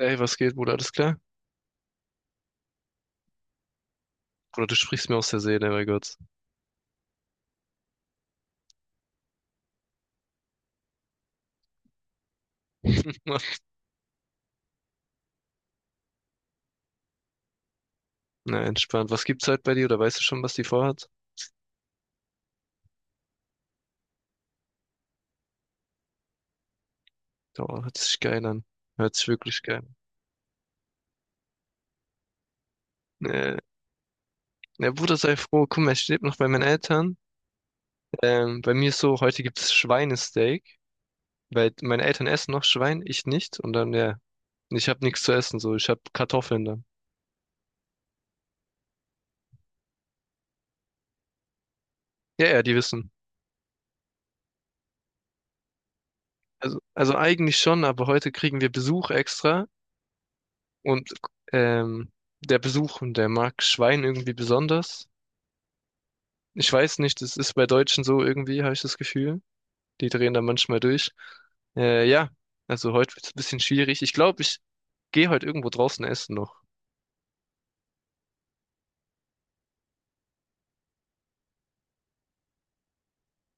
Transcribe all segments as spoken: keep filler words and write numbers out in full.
Ey, was geht, Bruder? Alles klar? Bruder, du sprichst mir aus der Seele, mein Gott. Na, entspannt. Was gibt's halt bei dir? Oder weißt du schon, was die vorhat? Oh, hört sich geil an. Hört sich wirklich geil an. Äh, ja, Bruder, sei froh. Guck mal, ich lebe noch bei meinen Eltern. Ähm, bei mir ist so, heute gibt's Schweinesteak, weil meine Eltern essen noch Schwein, ich nicht. Und dann, ja, ich habe nichts zu essen, so. Ich habe Kartoffeln dann. Ja, ja, die wissen. Also, also eigentlich schon, aber heute kriegen wir Besuch extra. Und ähm, der Besuch, der mag Schwein irgendwie besonders. Ich weiß nicht, das ist bei Deutschen so irgendwie, habe ich das Gefühl. Die drehen da manchmal durch. Äh, ja, also heute wird's ein bisschen schwierig. Ich glaube, ich gehe heute irgendwo draußen essen noch.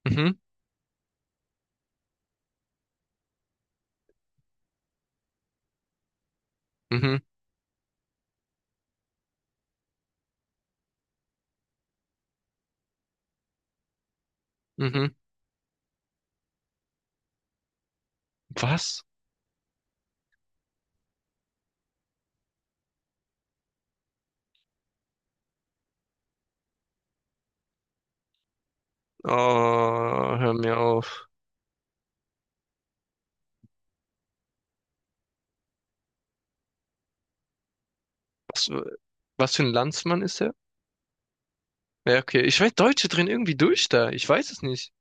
Mhm, mhm, mhm. Was? Oh, hör mir auf. Was, was für ein Landsmann ist er? Ja, okay. Ich weiß, Deutsche drehen irgendwie durch da. Ich weiß es nicht.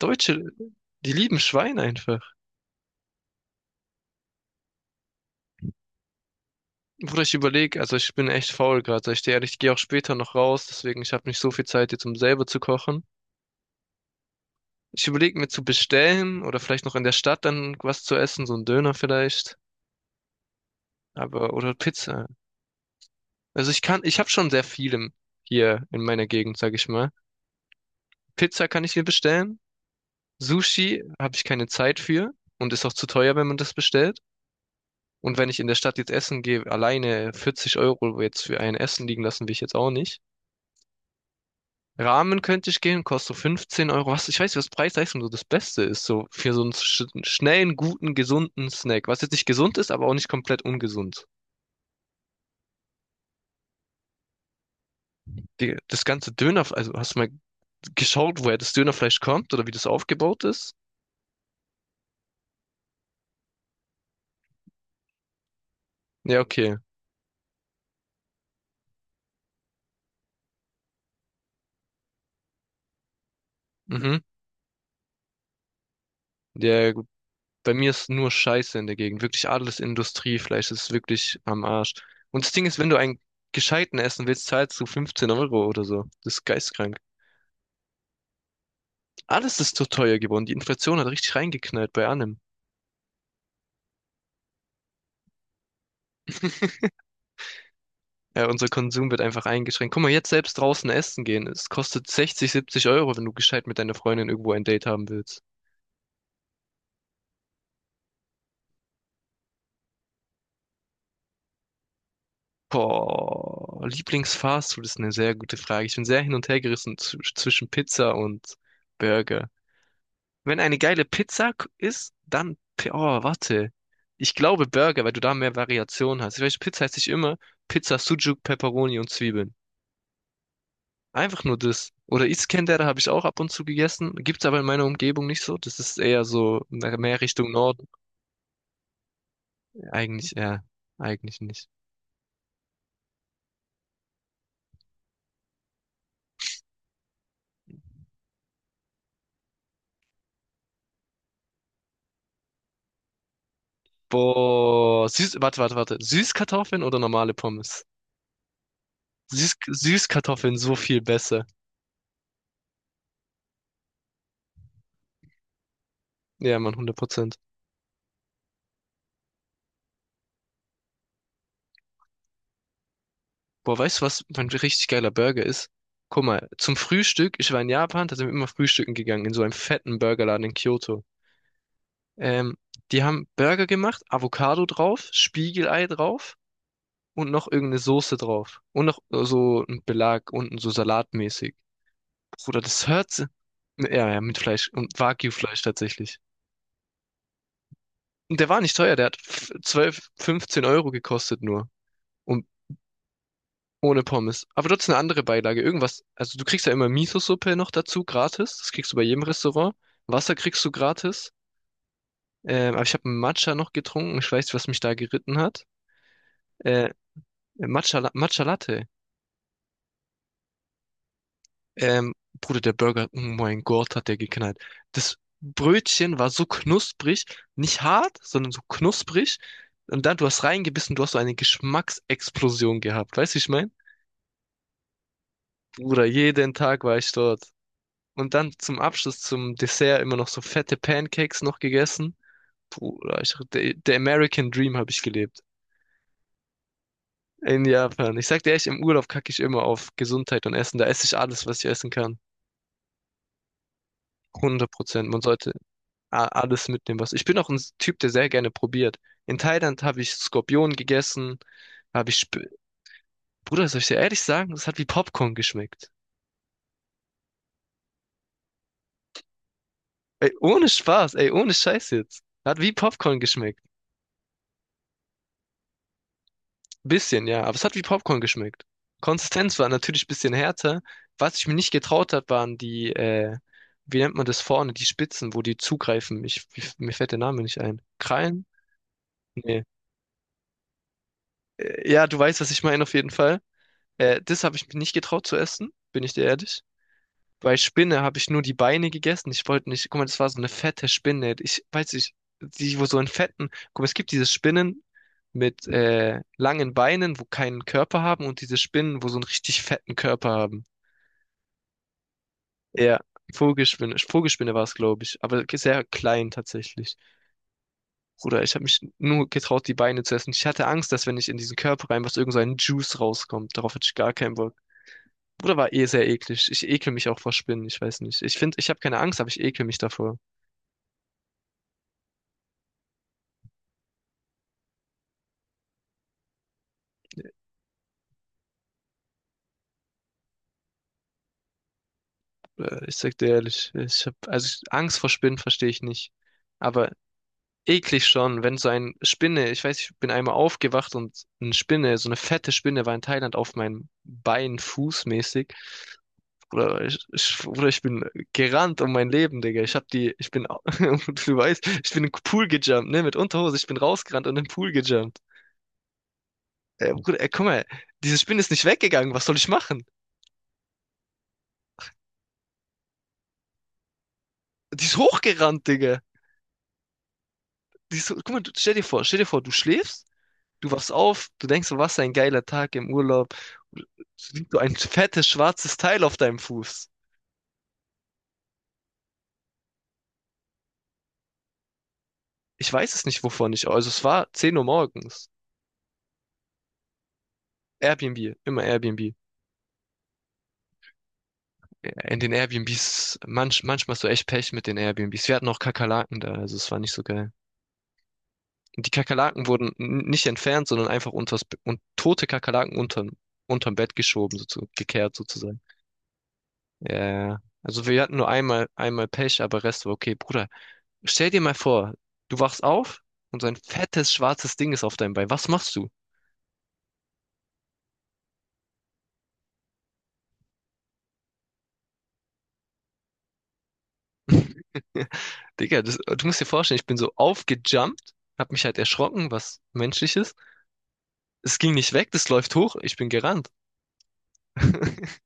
Deutsche, die lieben Schwein einfach. Bruder, ich überlege, also ich bin echt faul gerade. Ich stehe ehrlich, ich gehe auch später noch raus, deswegen ich habe nicht so viel Zeit jetzt, um selber zu kochen. Ich überlege mir zu bestellen oder vielleicht noch in der Stadt dann was zu essen, so ein Döner vielleicht, aber oder Pizza. Also ich kann, ich habe schon sehr viel im, hier in meiner Gegend, sage ich mal. Pizza kann ich mir bestellen, Sushi habe ich keine Zeit für und ist auch zu teuer, wenn man das bestellt. Und wenn ich in der Stadt jetzt essen gehe, alleine vierzig Euro jetzt für ein Essen liegen lassen will ich jetzt auch nicht. Ramen könnte ich gehen, kostet so fünfzehn Euro. Was, ich weiß nicht, was Preis-Leistung so das Beste ist, so für so einen sch schnellen, guten, gesunden Snack. Was jetzt nicht gesund ist, aber auch nicht komplett ungesund. Die, das ganze Döner, also hast du mal geschaut, woher das Dönerfleisch kommt oder wie das aufgebaut ist? Ja, okay. Mhm. Ja, gut. Bei mir ist nur Scheiße in der Gegend. Wirklich alles Industriefleisch, das ist wirklich am Arsch. Und das Ding ist, wenn du einen gescheiten essen willst, zahlst du fünfzehn Euro oder so. Das ist geistkrank. Alles ist zu teuer geworden. Die Inflation hat richtig reingeknallt bei allem. Ja, unser Konsum wird einfach eingeschränkt. Guck mal, jetzt selbst draußen essen gehen. Es kostet sechzig, siebzig Euro, wenn du gescheit mit deiner Freundin irgendwo ein Date haben willst. Boah, Lieblingsfastfood ist eine sehr gute Frage. Ich bin sehr hin und her gerissen zw- zwischen Pizza und Burger. Wenn eine geile Pizza k- ist, dann, Pi- oh, warte. Ich glaube Burger, weil du da mehr Variation hast. Ich weiß, Pizza heißt nicht immer Pizza, Sucuk, Pepperoni und Zwiebeln. Einfach nur das. Oder Iskender habe ich auch ab und zu gegessen. Gibt's aber in meiner Umgebung nicht so. Das ist eher so na- mehr Richtung Norden. Eigentlich, ja, eigentlich nicht. Boah, süß, warte, warte, warte. Süßkartoffeln oder normale Pommes? Süß, Süßkartoffeln so viel besser. Ja, Mann, hundert Prozent. Boah, weißt du, was mein richtig geiler Burger ist? Guck mal, zum Frühstück, ich war in Japan, da sind wir immer frühstücken gegangen, in so einem fetten Burgerladen in Kyoto. Ähm, Die haben Burger gemacht, Avocado drauf, Spiegelei drauf. Und noch irgendeine Soße drauf. Und noch äh, so ein Belag unten, so salatmäßig. Bruder, das hört sich. Ja, ja, mit Fleisch. Und Wagyu-Fleisch tatsächlich. Und der war nicht teuer, der hat f- zwölf, fünfzehn Euro gekostet nur. Und ohne Pommes. Aber dort ist eine andere Beilage. Irgendwas. Also du kriegst ja immer Miso-Suppe noch dazu, gratis. Das kriegst du bei jedem Restaurant. Wasser kriegst du gratis. Ähm, aber ich habe Matcha noch getrunken. Ich weiß nicht, was mich da geritten hat. Äh, Matcha, Matcha Latte. Ähm, Bruder, der Burger, oh mein Gott, hat der geknallt. Das Brötchen war so knusprig, nicht hart, sondern so knusprig. Und dann, du hast reingebissen, du hast so eine Geschmacksexplosion gehabt. Weißt du, wie ich meine? Bruder, jeden Tag war ich dort. Und dann zum Abschluss, zum Dessert, immer noch so fette Pancakes noch gegessen. Bruder, ich, der, der American Dream habe ich gelebt. In Japan. Ich sag dir echt, im Urlaub kacke ich immer auf Gesundheit und Essen. Da esse ich alles, was ich essen kann. Hundert Prozent. Man sollte a- alles mitnehmen, was. Ich bin auch ein Typ, der sehr gerne probiert. In Thailand habe ich Skorpion gegessen, habe ich. Sp Bruder, soll ich dir ehrlich sagen, das hat wie Popcorn geschmeckt. Ey, ohne Spaß, ey, ohne Scheiß jetzt. Hat wie Popcorn geschmeckt. Bisschen, ja, aber es hat wie Popcorn geschmeckt. Konsistenz war natürlich ein bisschen härter. Was ich mir nicht getraut habe, waren die, äh, wie nennt man das vorne, die Spitzen, wo die zugreifen. Ich, mir fällt der Name nicht ein. Krallen? Nee. Äh, Ja, du weißt, was ich meine auf jeden Fall. Äh, das habe ich mir nicht getraut zu essen, bin ich dir ehrlich. Bei Spinne habe ich nur die Beine gegessen. Ich wollte nicht, guck mal, das war so eine fette Spinne. Ich weiß nicht, die, wo so in fetten, guck mal, es gibt diese Spinnen mit äh, langen Beinen, wo keinen Körper haben und diese Spinnen, wo so einen richtig fetten Körper haben. Ja, Vogelspinne, Vogelspinne war es, glaube ich, aber sehr klein tatsächlich. Bruder, ich habe mich nur getraut, die Beine zu essen. Ich hatte Angst, dass wenn ich in diesen Körper rein, was irgend so ein Juice rauskommt. Darauf hatte ich gar keinen Bock. Bruder, war eh sehr eklig. Ich ekel mich auch vor Spinnen, ich weiß nicht. Ich finde, ich habe keine Angst, aber ich ekel mich davor. Äh, Ich sag dir ehrlich, ich hab, also ich- Angst vor Spinnen verstehe ich nicht. Aber eklig schon, wenn so ein Spinne, ich weiß, ich bin einmal aufgewacht und eine Spinne, so eine fette Spinne war in Thailand auf meinem Bein fußmäßig. Oder ich, ich, oder ich bin gerannt um mein Leben, Digga. Ich hab die, ich bin, au- du weißt, ich bin im Pool gejumpt, ne, mit Unterhose, ich bin rausgerannt und im Pool gejumpt. Äh, Bruder, ey, guck mal, diese Spinne ist nicht weggegangen, was soll ich machen? Die ist hochgerannt, Digga. Die ist, so, guck mal, du, stell dir vor, stell dir vor, du schläfst. Du wachst auf, du denkst, so, was ein geiler Tag im Urlaub. Siehst so ein fettes schwarzes Teil auf deinem Fuß. Ich weiß es nicht, wovon ich. Also es war zehn Uhr morgens. Airbnb, immer Airbnb. Ja, in den Airbnbs, manch, manchmal hast du echt Pech mit den Airbnbs. Wir hatten auch Kakerlaken da, also es war nicht so geil. Und die Kakerlaken wurden n- nicht entfernt, sondern einfach unters, Be- und tote Kakerlaken unterm, unterm Bett geschoben, sozusagen, gekehrt sozusagen. Ja, also wir hatten nur einmal, einmal Pech, aber Rest war okay. Bruder, stell dir mal vor, du wachst auf und so ein fettes schwarzes Ding ist auf deinem Bein. Was machst du? Digga, das, du musst dir vorstellen, ich bin so aufgejumpt, hab mich halt erschrocken, was menschlich ist. Es ging nicht weg, das läuft hoch, ich bin gerannt.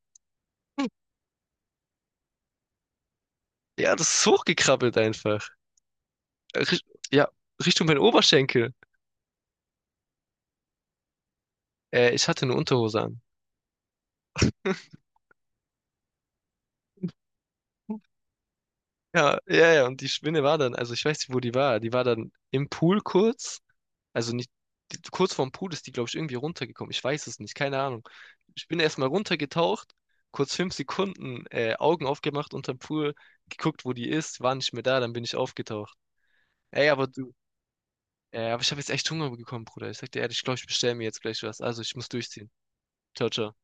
Ja, das ist hochgekrabbelt einfach. Äh, richt- Ja, Richtung mein Oberschenkel. Äh, ich hatte eine Unterhose an. Ja, ja, ja, und die Spinne war dann, also ich weiß nicht, wo die war. Die war dann im Pool kurz. Also nicht, die, kurz vorm Pool ist die, glaube ich, irgendwie runtergekommen. Ich weiß es nicht, keine Ahnung. Ich bin erstmal runtergetaucht, kurz fünf Sekunden äh, Augen aufgemacht unterm Pool, geguckt, wo die ist, war nicht mehr da, dann bin ich aufgetaucht. Ey, aber du, äh, aber ich habe jetzt echt Hunger bekommen, Bruder. Ich sag dir ehrlich, ich glaube, ich bestelle mir jetzt gleich was. Also ich muss durchziehen. Ciao, ciao.